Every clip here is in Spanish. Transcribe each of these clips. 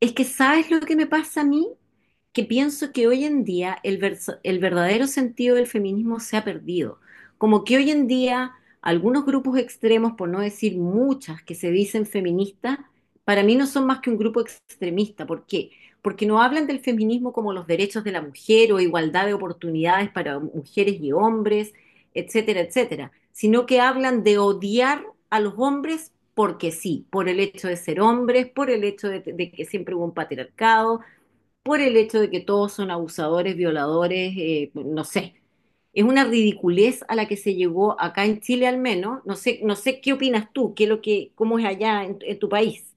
Es que, ¿sabes lo que me pasa a mí? Que pienso que hoy en día el verdadero sentido del feminismo se ha perdido. Como que hoy en día algunos grupos extremos, por no decir muchas, que se dicen feministas, para mí no son más que un grupo extremista. ¿Por qué? Porque no hablan del feminismo como los derechos de la mujer o igualdad de oportunidades para mujeres y hombres, etcétera, etcétera, sino que hablan de odiar a los hombres porque sí, por el hecho de ser hombres, por el hecho de que siempre hubo un patriarcado, por el hecho de que todos son abusadores, violadores, no sé. Es una ridiculez a la que se llegó acá en Chile, al menos. No sé, no sé qué opinas tú, qué es lo que, cómo es allá en tu país.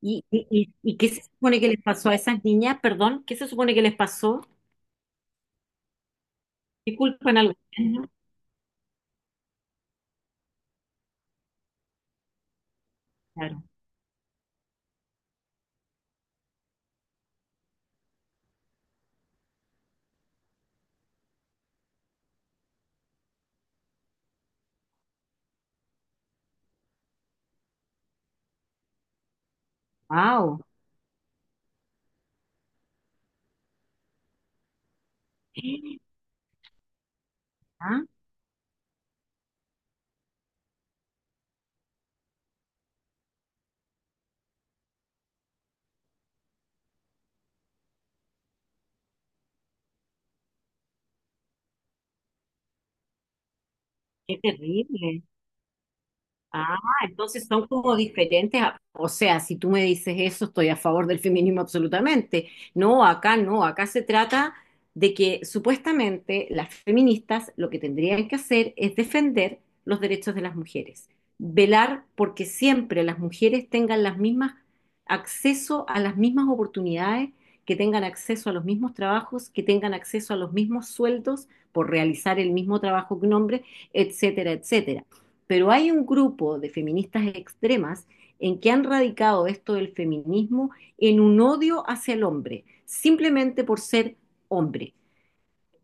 ¿Y qué se supone que les pasó a esas niñas? Perdón, ¿qué se supone que les pasó? ¿Qué culpa en algo? Claro. Wow. Ah, qué terrible. Ah, entonces son como diferentes. O sea, si tú me dices eso, estoy a favor del feminismo absolutamente. No, acá no, acá se trata de que supuestamente las feministas lo que tendrían que hacer es defender los derechos de las mujeres, velar porque siempre las mujeres tengan las mismas, acceso a las mismas oportunidades, que tengan acceso a los mismos trabajos, que tengan acceso a los mismos sueldos por realizar el mismo trabajo que un hombre, etcétera, etcétera. Pero hay un grupo de feministas extremas en que han radicado esto del feminismo en un odio hacia el hombre, simplemente por ser hombre,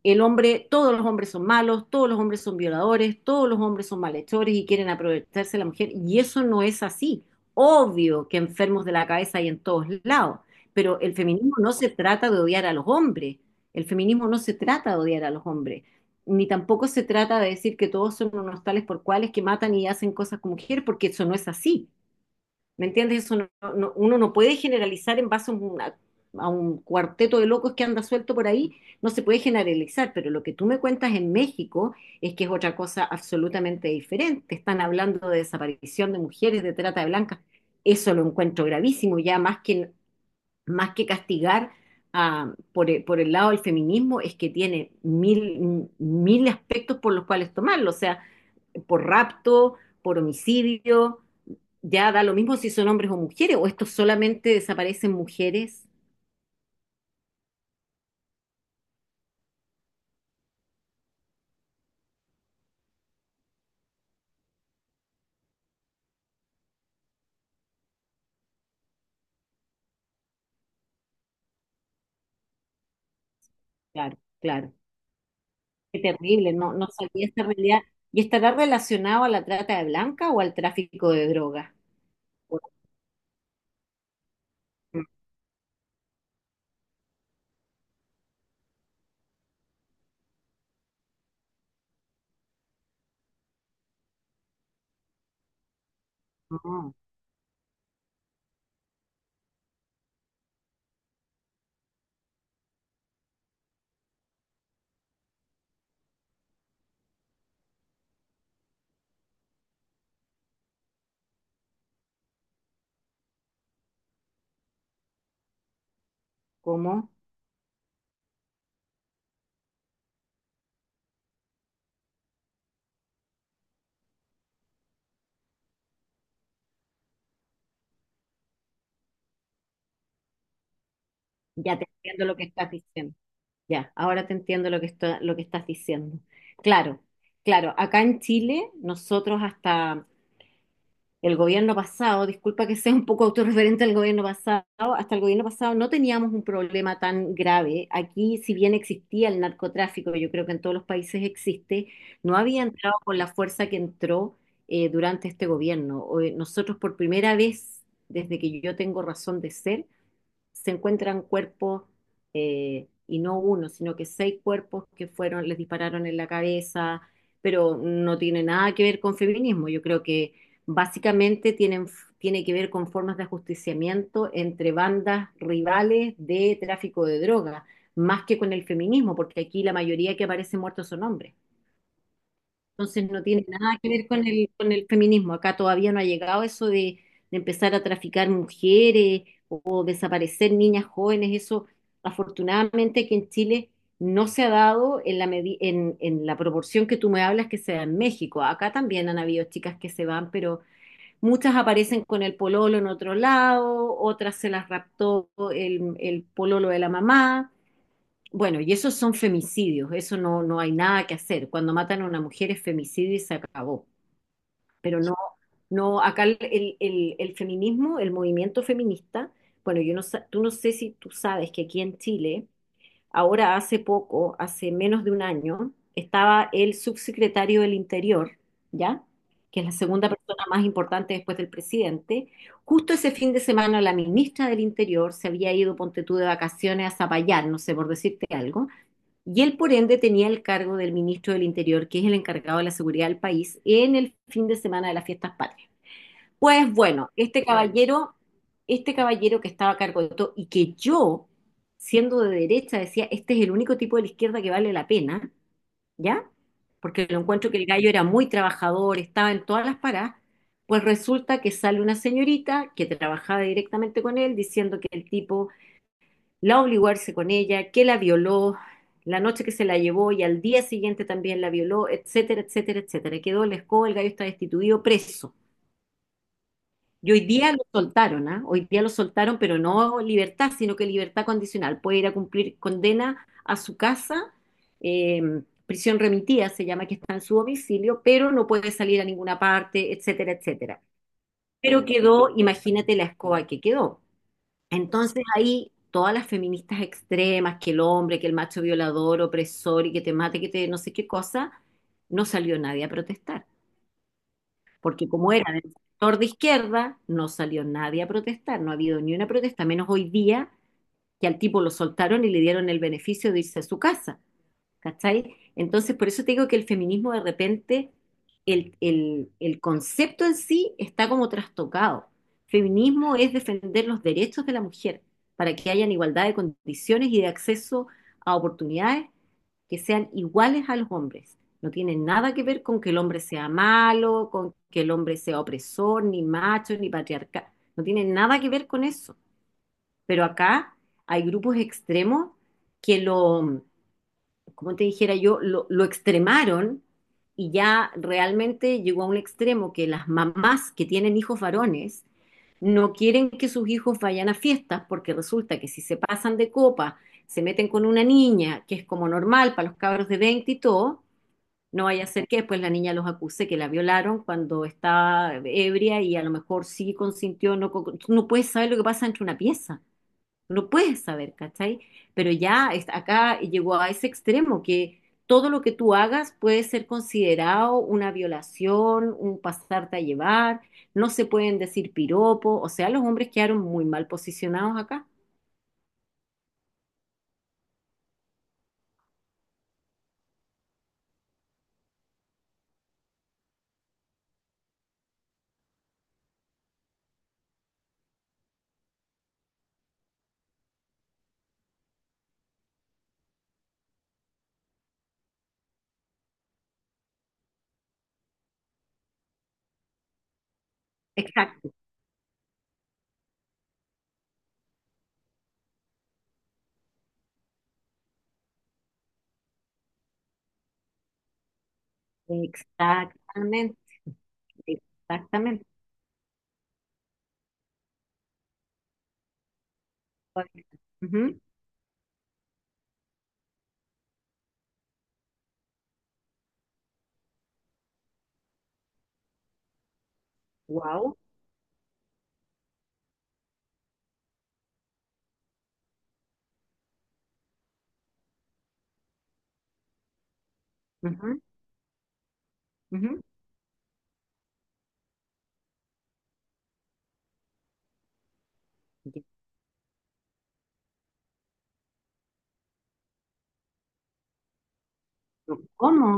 el hombre, todos los hombres son malos, todos los hombres son violadores, todos los hombres son malhechores y quieren aprovecharse de la mujer. Y eso no es así. Obvio que enfermos de la cabeza hay en todos lados, pero el feminismo no se trata de odiar a los hombres. El feminismo no se trata de odiar a los hombres, ni tampoco se trata de decir que todos son unos tales por cuales que matan y hacen cosas con mujeres, porque eso no es así. ¿Me entiendes? Eso uno no puede generalizar en base a un cuarteto de locos que anda suelto por ahí, no se puede generalizar, pero lo que tú me cuentas en México es que es otra cosa absolutamente diferente. Están hablando de desaparición de mujeres, de trata de blancas. Eso lo encuentro gravísimo, ya más que castigar, por el lado del feminismo, es que tiene mil, mil aspectos por los cuales tomarlo, o sea, por rapto, por homicidio, ya da lo mismo si son hombres o mujeres, o esto solamente desaparecen mujeres. Claro, claro. Qué terrible, no, no sabía esta realidad. ¿Y estará relacionado a la trata de blanca o al tráfico de drogas? No, ¿cómo? Ya te entiendo lo que estás diciendo. Ya, ahora te entiendo lo que estás diciendo. Claro, claro. Acá en Chile, nosotros hasta El gobierno pasado, disculpa que sea un poco autorreferente al gobierno pasado, hasta el gobierno pasado no teníamos un problema tan grave. Aquí, si bien existía el narcotráfico, yo creo que en todos los países existe, no había entrado con la fuerza que entró durante este gobierno. Hoy nosotros por primera vez, desde que yo tengo razón de ser, se encuentran cuerpos, y no uno, sino que seis cuerpos que fueron, les dispararon en la cabeza, pero no tiene nada que ver con feminismo. Yo creo que básicamente tiene que ver con formas de ajusticiamiento entre bandas rivales de tráfico de drogas, más que con el feminismo, porque aquí la mayoría que aparece muertos son hombres. Entonces no tiene nada que ver con el feminismo. Acá todavía no ha llegado eso de empezar a traficar mujeres o desaparecer niñas jóvenes. Eso, afortunadamente, que en Chile no se ha dado en la proporción que tú me hablas que se da en México. Acá también han habido chicas que se van, pero muchas aparecen con el pololo en otro lado, otras se las raptó el pololo de la mamá. Bueno, y esos son femicidios, eso no, no hay nada que hacer. Cuando matan a una mujer es femicidio y se acabó. Pero no, no, acá el feminismo, el movimiento feminista, bueno, yo no, sa- tú no sé si tú sabes que aquí en Chile, ahora hace poco, hace menos de un año, estaba el subsecretario del Interior, ¿ya? Que es la segunda persona más importante después del presidente. Justo ese fin de semana la ministra del Interior se había ido, ponte tú, de vacaciones a Zapallar, no sé, por decirte algo, y él, por ende, tenía el cargo del ministro del Interior, que es el encargado de la seguridad del país, en el fin de semana de las fiestas patrias. Pues bueno, este caballero que estaba a cargo de todo y que yo, siendo de derecha, decía, este es el único tipo de la izquierda que vale la pena, ¿ya? Porque lo encuentro que el gallo era muy trabajador, estaba en todas las paradas. Pues resulta que sale una señorita que trabajaba directamente con él diciendo que el tipo la obligó a irse con ella, que la violó, la noche que se la llevó y al día siguiente también la violó, etcétera, etcétera, etcétera. Quedó el escoba, el gallo está destituido, preso. Y hoy día lo soltaron, ¿ah? Hoy día lo soltaron, pero no libertad, sino que libertad condicional. Puede ir a cumplir condena a su casa, eh, prisión remitida se llama, que está en su domicilio, pero no puede salir a ninguna parte, etcétera, etcétera. Pero quedó, imagínate la escoba que quedó. Entonces ahí todas las feministas extremas, que el hombre, que el macho violador, opresor y que te mate, que te no sé qué cosa, no salió nadie a protestar. Porque como era del sector de izquierda, no salió nadie a protestar, no ha habido ni una protesta, menos hoy día que al tipo lo soltaron y le dieron el beneficio de irse a su casa. ¿Cachai? Entonces, por eso te digo que el feminismo de repente, el concepto en sí está como trastocado. Feminismo es defender los derechos de la mujer para que hayan igualdad de condiciones y de acceso a oportunidades que sean iguales a los hombres. No tiene nada que ver con que el hombre sea malo, con que el hombre sea opresor, ni macho, ni patriarcal. No tiene nada que ver con eso. Pero acá hay grupos extremos que lo, como te dijera yo, lo extremaron y ya realmente llegó a un extremo que las mamás que tienen hijos varones no quieren que sus hijos vayan a fiestas porque resulta que si se pasan de copa, se meten con una niña, que es como normal para los cabros de 20 y todo, no vaya a ser que después la niña los acuse que la violaron cuando estaba ebria y a lo mejor sí consintió, no, tú no puedes saber lo que pasa entre una pieza. No puedes saber, ¿cachai? Pero ya acá llegó a ese extremo que todo lo que tú hagas puede ser considerado una violación, un pasarte a llevar, no se pueden decir piropo, o sea, los hombres quedaron muy mal posicionados acá. Exacto, exactamente, exactamente. Wow. ¿Cómo?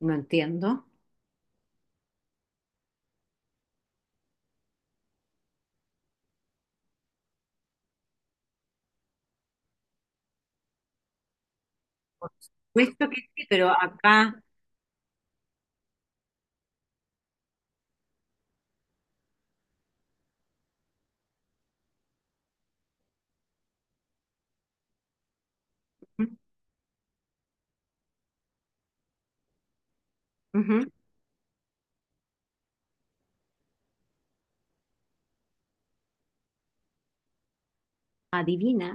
No entiendo. Por supuesto que sí, pero acá, ujú, adivina.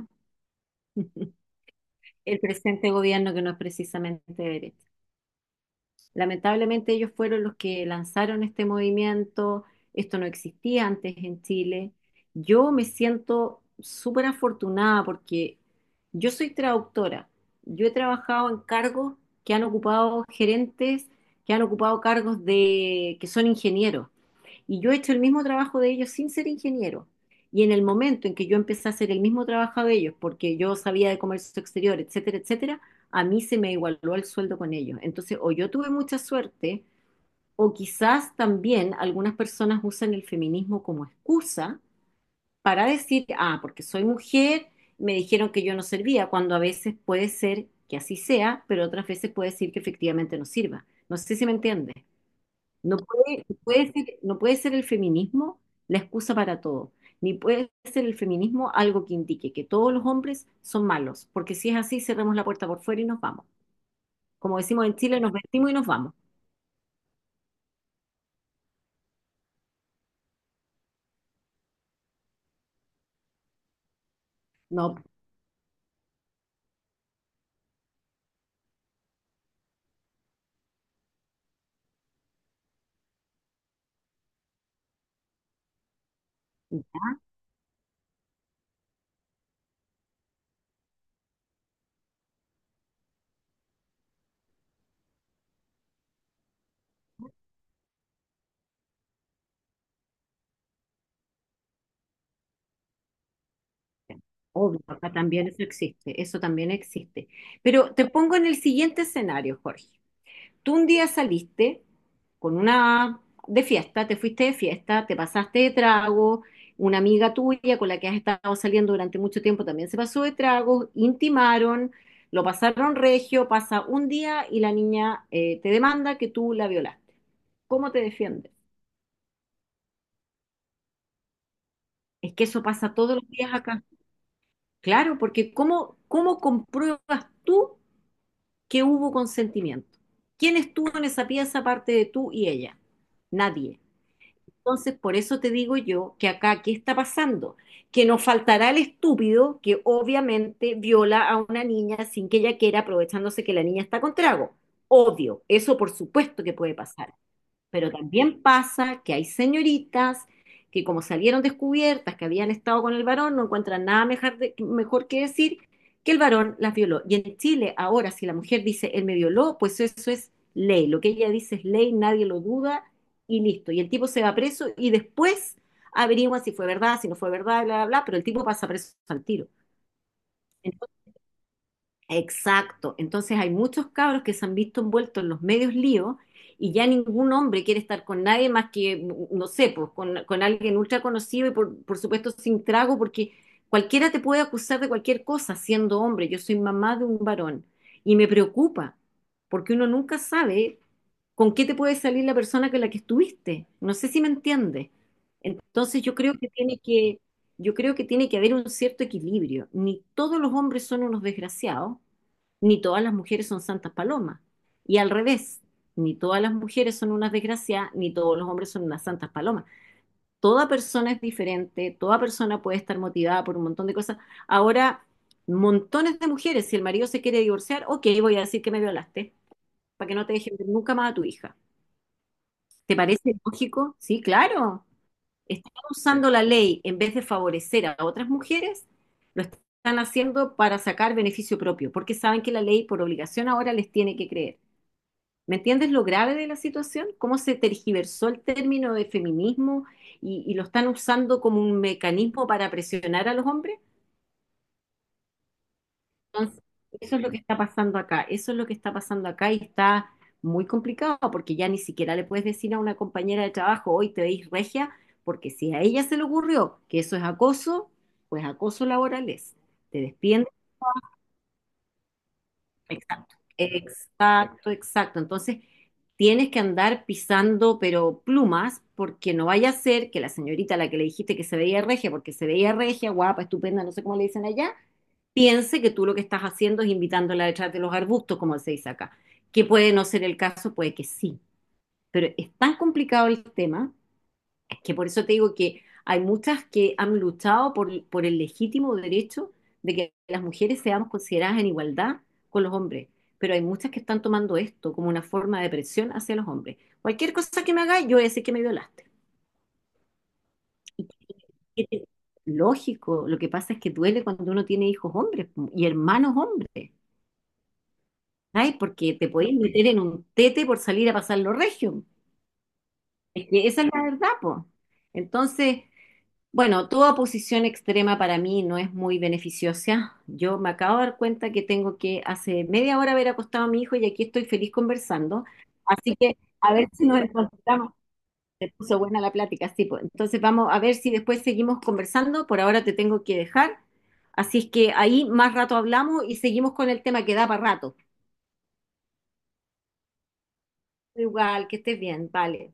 El presente gobierno, que no es precisamente de derecha. Lamentablemente ellos fueron los que lanzaron este movimiento, esto no existía antes en Chile. Yo me siento súper afortunada porque yo soy traductora, yo he trabajado en cargos que han ocupado gerentes, que han ocupado cargos de que son ingenieros. Y yo he hecho el mismo trabajo de ellos sin ser ingeniero. Y en el momento en que yo empecé a hacer el mismo trabajo de ellos, porque yo sabía de comercio exterior, etcétera, etcétera, a mí se me igualó el sueldo con ellos. Entonces, o yo tuve mucha suerte, o quizás también algunas personas usan el feminismo como excusa para decir, ah, porque soy mujer, me dijeron que yo no servía, cuando a veces puede ser que así sea, pero otras veces puede decir que efectivamente no sirva. No sé si me entiendes. No puede, no puede ser, no puede ser el feminismo la excusa para todo, ni puede ser el feminismo algo que indique que todos los hombres son malos, porque si es así, cerramos la puerta por fuera y nos vamos. Como decimos en Chile, nos vestimos y nos vamos. No, obvio, acá también eso existe, eso también existe. Pero te pongo en el siguiente escenario, Jorge. Tú un día saliste con una de fiesta, te fuiste de fiesta, te pasaste de trago, una amiga tuya con la que has estado saliendo durante mucho tiempo también se pasó de trago, intimaron, lo pasaron regio, pasa un día y la niña te demanda que tú la violaste. ¿Cómo te defiendes? Es que eso pasa todos los días acá. Claro, ¿porque cómo, cómo compruebas tú que hubo consentimiento? ¿Quién estuvo en esa pieza aparte de tú y ella? Nadie. Entonces, por eso te digo yo que acá, ¿qué está pasando? Que nos faltará el estúpido que obviamente viola a una niña sin que ella quiera, aprovechándose que la niña está con trago. Obvio, eso por supuesto que puede pasar. Pero también pasa que hay señoritas que como salieron descubiertas que habían estado con el varón, no encuentran nada mejor, mejor que decir que el varón las violó. Y en Chile ahora si la mujer dice, él me violó, pues eso es ley. Lo que ella dice es ley, nadie lo duda y listo. Y el tipo se va preso y después averigua si fue verdad, si no fue verdad, bla, bla, bla, pero el tipo pasa preso al tiro. Exacto. Entonces hay muchos cabros que se han visto envueltos en los medios líos y ya ningún hombre quiere estar con nadie más que, no sé, pues con alguien ultra conocido y por supuesto sin trago, porque cualquiera te puede acusar de cualquier cosa siendo hombre. Yo soy mamá de un varón y me preocupa porque uno nunca sabe con qué te puede salir la persona con la que estuviste. No sé si me entiendes. Entonces yo creo que tiene que, yo creo que tiene que haber un cierto equilibrio. Ni todos los hombres son unos desgraciados, ni todas las mujeres son santas palomas. Y al revés, ni todas las mujeres son unas desgraciadas, ni todos los hombres son unas santas palomas. Toda persona es diferente, toda persona puede estar motivada por un montón de cosas. Ahora, montones de mujeres, si el marido se quiere divorciar, ok, voy a decir que me violaste, para que no te dejen ver nunca más a tu hija. ¿Te parece lógico? Sí, claro. Están usando la ley en vez de favorecer a otras mujeres, lo están haciendo para sacar beneficio propio, porque saben que la ley por obligación ahora les tiene que creer. ¿Me entiendes lo grave de la situación? ¿Cómo se tergiversó el término de feminismo y lo están usando como un mecanismo para presionar a los hombres? Entonces, eso es lo que está pasando acá, eso es lo que está pasando acá y está muy complicado porque ya ni siquiera le puedes decir a una compañera de trabajo, hoy te veis regia, porque si a ella se le ocurrió que eso es acoso, pues acoso laboral es. Te despiden. Exacto, exacto, exacto. Entonces, tienes que andar pisando, pero plumas, porque no vaya a ser que la señorita a la que le dijiste que se veía regia, porque se veía regia, guapa, estupenda, no sé cómo le dicen allá, piense que tú lo que estás haciendo es invitándola detrás de los arbustos, como se dice acá. Que puede no ser el caso, puede que sí. Pero es tan complicado el tema es que por eso te digo que hay muchas que han luchado por el legítimo derecho de que las mujeres seamos consideradas en igualdad con los hombres. Pero hay muchas que están tomando esto como una forma de presión hacia los hombres. Cualquier cosa que me hagas yo voy a decir que me violaste. Lógico, lo que pasa es que duele cuando uno tiene hijos hombres y hermanos hombres. Ay, porque te podéis meter en un tete por salir a pasar los regios. Es que esa es la verdad, po. Entonces, bueno, toda posición extrema para mí no es muy beneficiosa. Yo me acabo de dar cuenta que tengo que hace 1/2 hora haber acostado a mi hijo y aquí estoy feliz conversando. Así que a ver si nos encontramos. Se puso buena la plática, sí, po. Entonces vamos a ver si después seguimos conversando. Por ahora te tengo que dejar. Así es que ahí más rato hablamos y seguimos con el tema que da para rato. Igual, que estés bien, vale.